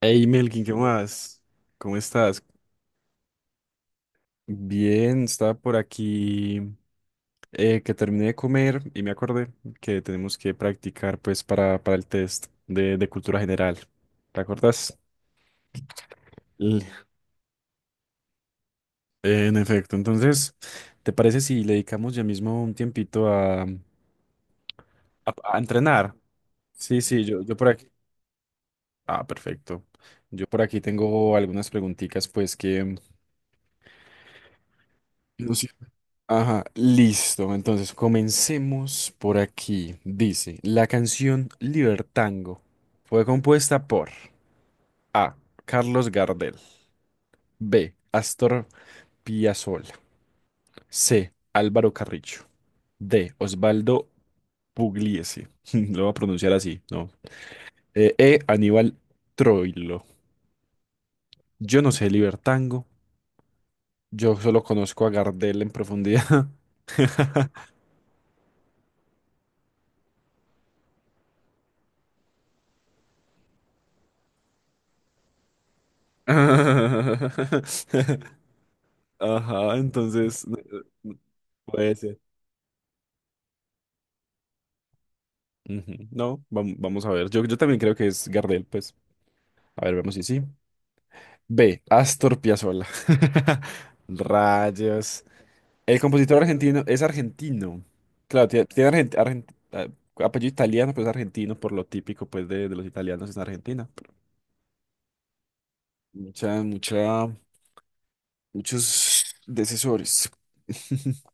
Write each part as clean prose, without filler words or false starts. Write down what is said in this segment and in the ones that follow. Hey Melkin, ¿qué más? ¿Cómo estás? Bien, estaba por aquí que terminé de comer y me acordé que tenemos que practicar pues para el test de cultura general. ¿Te acuerdas? L- En efecto, entonces, ¿te parece si le dedicamos ya mismo un tiempito a entrenar? Sí, sí, yo por aquí. Ah, perfecto. Yo por aquí tengo algunas preguntitas pues que, no sirve. Ajá, listo. Entonces, comencemos por aquí. Dice, la canción Libertango fue compuesta por A. Carlos Gardel. B. Astor Piazzolla. C. Álvaro Carrillo. D. Osvaldo Pugliese. Lo voy a pronunciar así, ¿no? E. Aníbal Troilo. Yo no sé Libertango. Yo solo conozco a Gardel en profundidad. Ajá, entonces n- puede ser. Ujú, no, vamos a ver. Yo también creo que es Gardel, pues. A ver, vemos si sí. B. Astor Piazzolla. Rayos. El compositor argentino es argentino. Claro, tiene, ah, apellido italiano, pero es argentino por lo típico pues de los italianos en Argentina. Mucha, mucha, muchos decesores.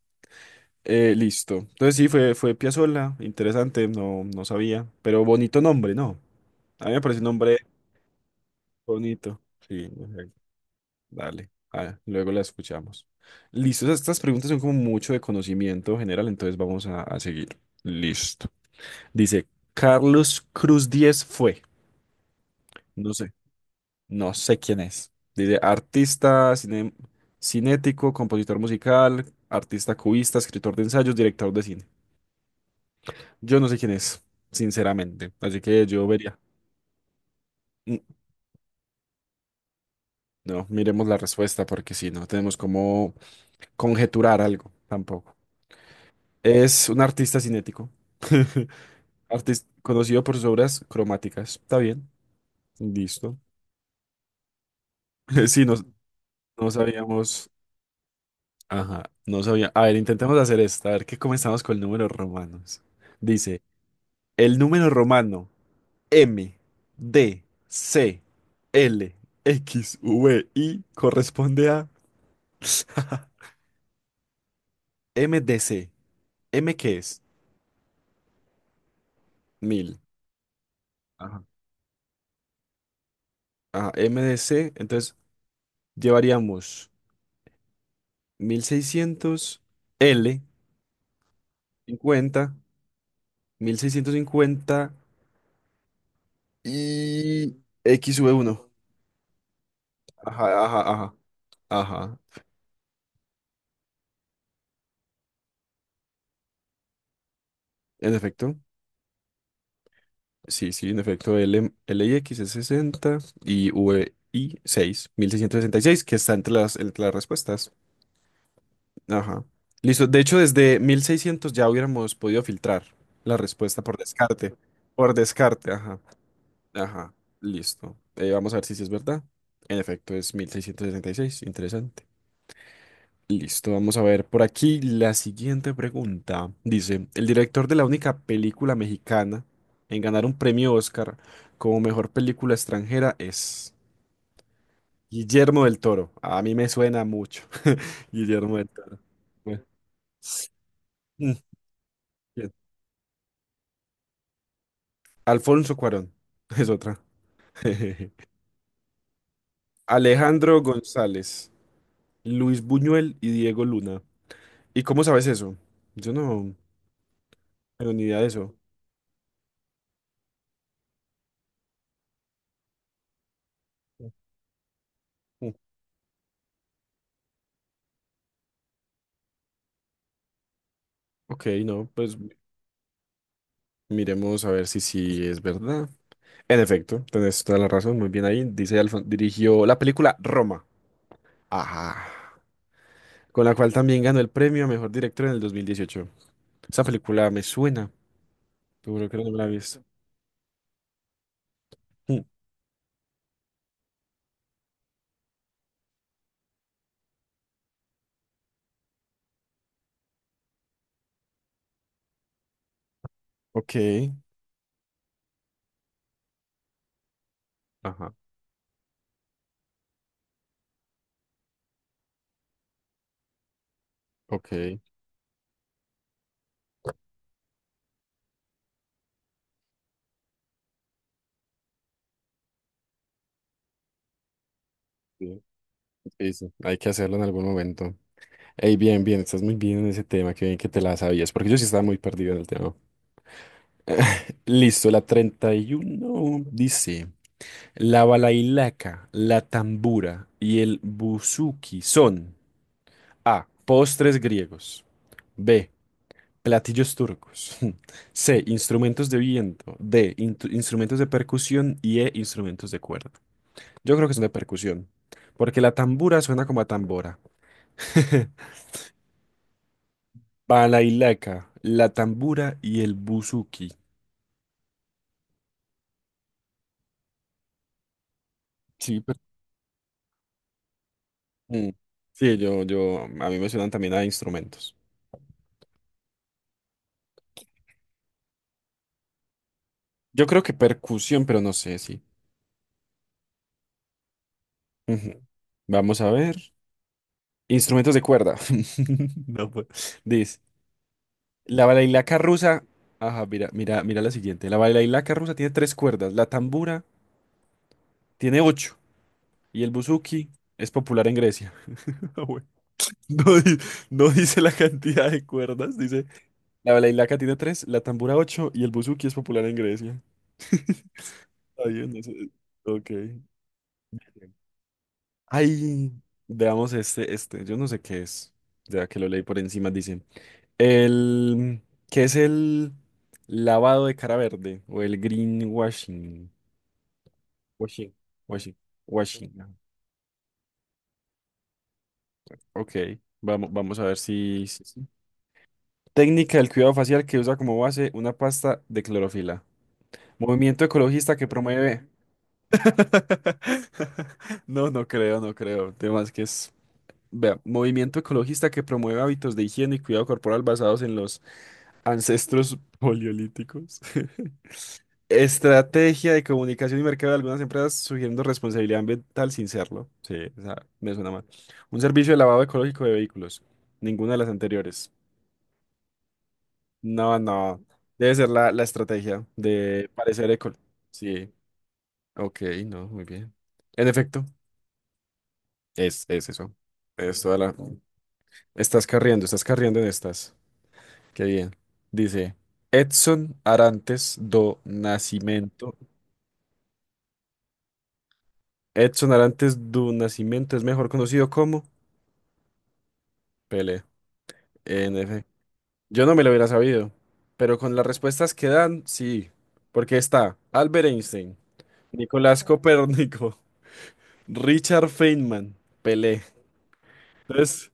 Listo. Entonces sí, fue Piazzolla, interesante, no, no sabía, pero bonito nombre, ¿no? A mí me parece un nombre bonito. Sí, ok, dale. Ah, luego la escuchamos. Listo, estas preguntas son como mucho de conocimiento general, entonces vamos a seguir. Listo. Dice, Carlos Cruz Díez fue. No sé, no sé quién es. Dice, artista, cinético, compositor musical, artista cubista, escritor de ensayos, director de cine. Yo no sé quién es, sinceramente. Así que yo vería. Mm, No, miremos la respuesta porque si no tenemos como conjeturar algo tampoco. Es un artista cinético. Artista conocido por sus obras cromáticas. Está bien. Listo. Sí, no, no sabíamos. Ajá, no sabía. A ver, intentemos hacer esta. A ver qué comenzamos con números romanos. Dice, el número romano M, D, C, L, X, V, I corresponde a. MDC. ¿M qué es? Mil. Ajá. Ah, MDC. Entonces llevaríamos 1600 L, cincuenta, mil seiscientos cincuenta y xv uno. Ajá, ajá, ajá. Ajá. En efecto. Sí, sí, en efecto. L, L y X es 60 y V I seis, mil seiscientos sesenta y 6, 1666, que está entre las respuestas. Ajá. Listo. De hecho, desde 1600 ya hubiéramos podido filtrar la respuesta por descarte. Por descarte, ajá. Ajá. Listo. Vamos a ver si sí es verdad. En efecto, es 1666. Interesante. Listo. Vamos a ver por aquí la siguiente pregunta. Dice, el director de la única película mexicana en ganar un premio Oscar como mejor película extranjera es Guillermo del Toro. A mí me suena mucho. Guillermo del Toro. Bueno. mm, Alfonso Cuarón, es otra. Alejandro González, Luis Buñuel y Diego Luna. ¿Y cómo sabes eso? Yo no tengo ni idea de eso. Mm, Ok, no, pues miremos a ver si sí es verdad. En efecto, tenés toda la razón, muy bien ahí. Dice dirigió la película Roma. Ajá. Con la cual también ganó el premio a mejor director en el 2018. Esa película me suena, seguro que no me la he visto. Mm, ok. Ajá, ok. Sí, sí, hay que hacerlo en algún momento. Ey, bien, bien, estás muy bien en ese tema, qué bien que te la sabías, porque yo sí estaba muy perdido en el tema. Listo, la 31 dice, la balailaca, la tambura y el buzuki son A, postres griegos, B, platillos turcos, C, instrumentos de viento, D, instrumentos de percusión y E, instrumentos de cuerda. Yo creo que son de percusión, porque la tambura suena como a tambora. Balailaca, la tambura y el buzuki. Sí, mm. Sí, a mí me suenan también a instrumentos. Yo creo que percusión, pero no sé, sí. Ujú. Vamos a ver. Instrumentos de cuerda. No puedo. Dice, la balailaca rusa. Ajá, mira, mira, mira la siguiente. La balailaca rusa tiene tres cuerdas. La tambura tiene ocho. Y el buzuki es popular en Grecia. Ah, bueno. No, no dice la cantidad de cuerdas, dice la balalaika tiene tres, la tambora ocho y el buzuki es popular en Grecia. Está bien, no sé. Ok. Ay, veamos este, este. Yo no sé qué es. Ya que lo leí por encima, dice. El, ¿Qué es el lavado de cara verde? O el greenwashing. Washing. Washing. Washing, ajá. Ok. Vamos a ver si, si. Técnica del cuidado facial que usa como base una pasta de clorofila. Movimiento ecologista que promueve. No, no creo, no creo. Temas que es, vea, movimiento ecologista que promueve hábitos de higiene y cuidado corporal basados en los ancestros paleolíticos. Estrategia de comunicación y mercado de algunas empresas sugiriendo responsabilidad ambiental sin serlo. Sí, o sea, me suena mal. Un servicio de lavado ecológico de vehículos. Ninguna de las anteriores. No, no. Debe ser la estrategia de parecer eco. Sí, ok, no, muy bien. En efecto. Es eso. Es toda la... estás carriendo en estas. Qué bien. Dice, Edson Arantes do Nascimento. Edson Arantes do Nascimento es mejor conocido como Pele. En efecto. Yo no me lo hubiera sabido, pero con las respuestas que dan, sí. Porque está Albert Einstein, Nicolás Copérnico, Richard Feynman, Pelé. Entonces,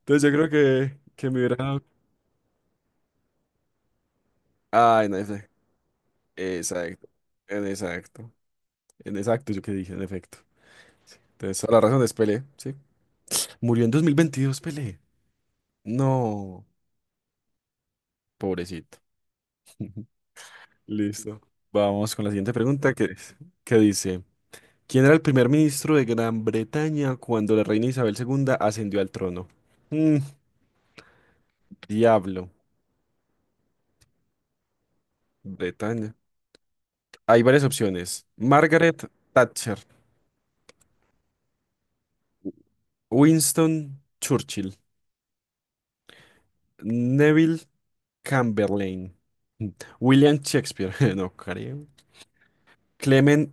entonces yo creo que me hubiera dado... Ah, en efecto. Exacto. En exacto. Exacto, yo que dije, en efecto. Entonces, toda la razón es Pelé, sí. Murió en 2022, Pelé. No, pobrecito. Listo. Vamos con la siguiente pregunta que dice, ¿quién era el primer ministro de Gran Bretaña cuando la reina Isabel segunda ascendió al trono? Mm, Diablo, Bretaña. Hay varias opciones. Margaret Thatcher, Winston Churchill, Neville Chamberlain, William Shakespeare, no creo. Clement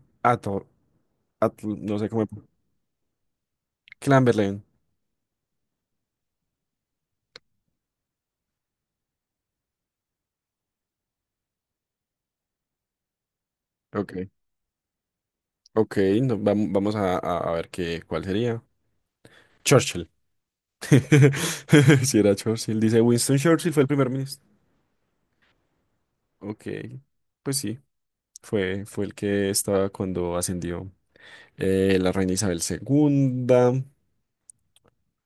No sé cómo. Clamberlain. Ok, ok, no, vamos a ver qué, cuál sería. Churchill. Si era Churchill. Dice Winston Churchill fue el primer ministro. Ok, pues sí, fue el que estaba cuando ascendió la reina Isabel segunda.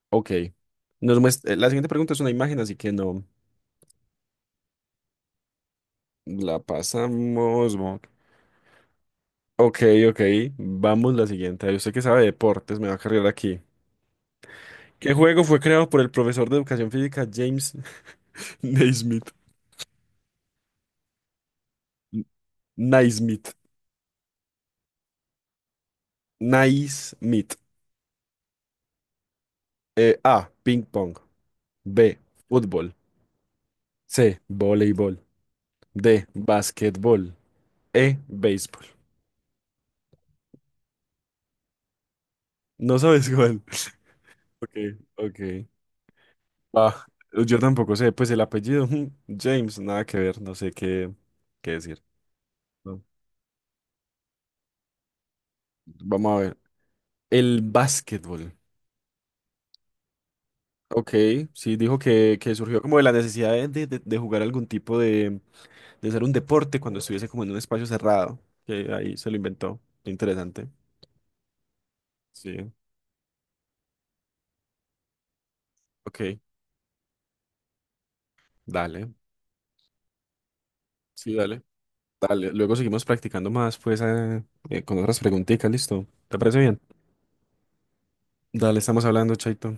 Ok, la siguiente pregunta es una imagen, así que no la pasamos. Ok, ok, vamos la siguiente. Usted que sabe de deportes, me va a cargar aquí. ¿Qué juego fue creado por el profesor de educación física James Naismith? Naismith. Naismith. A. Ping pong. B. Fútbol. C. Voleibol. D. Basquetbol. E. Béisbol. No sabes cuál. Ok, ok. Ah, yo tampoco sé, pues el apellido. James, nada que ver, no sé qué decir. No. Vamos a ver. El basquetbol. Ok, sí, dijo que surgió como de la necesidad de jugar algún tipo de ser un deporte cuando estuviese como en un espacio cerrado, que ahí se lo inventó. Interesante. Sí, ok, dale, sí, dale, dale. Luego seguimos practicando más, pues, con otras preguntitas, ¿listo? ¿Te parece bien? Dale, estamos hablando, Chaito.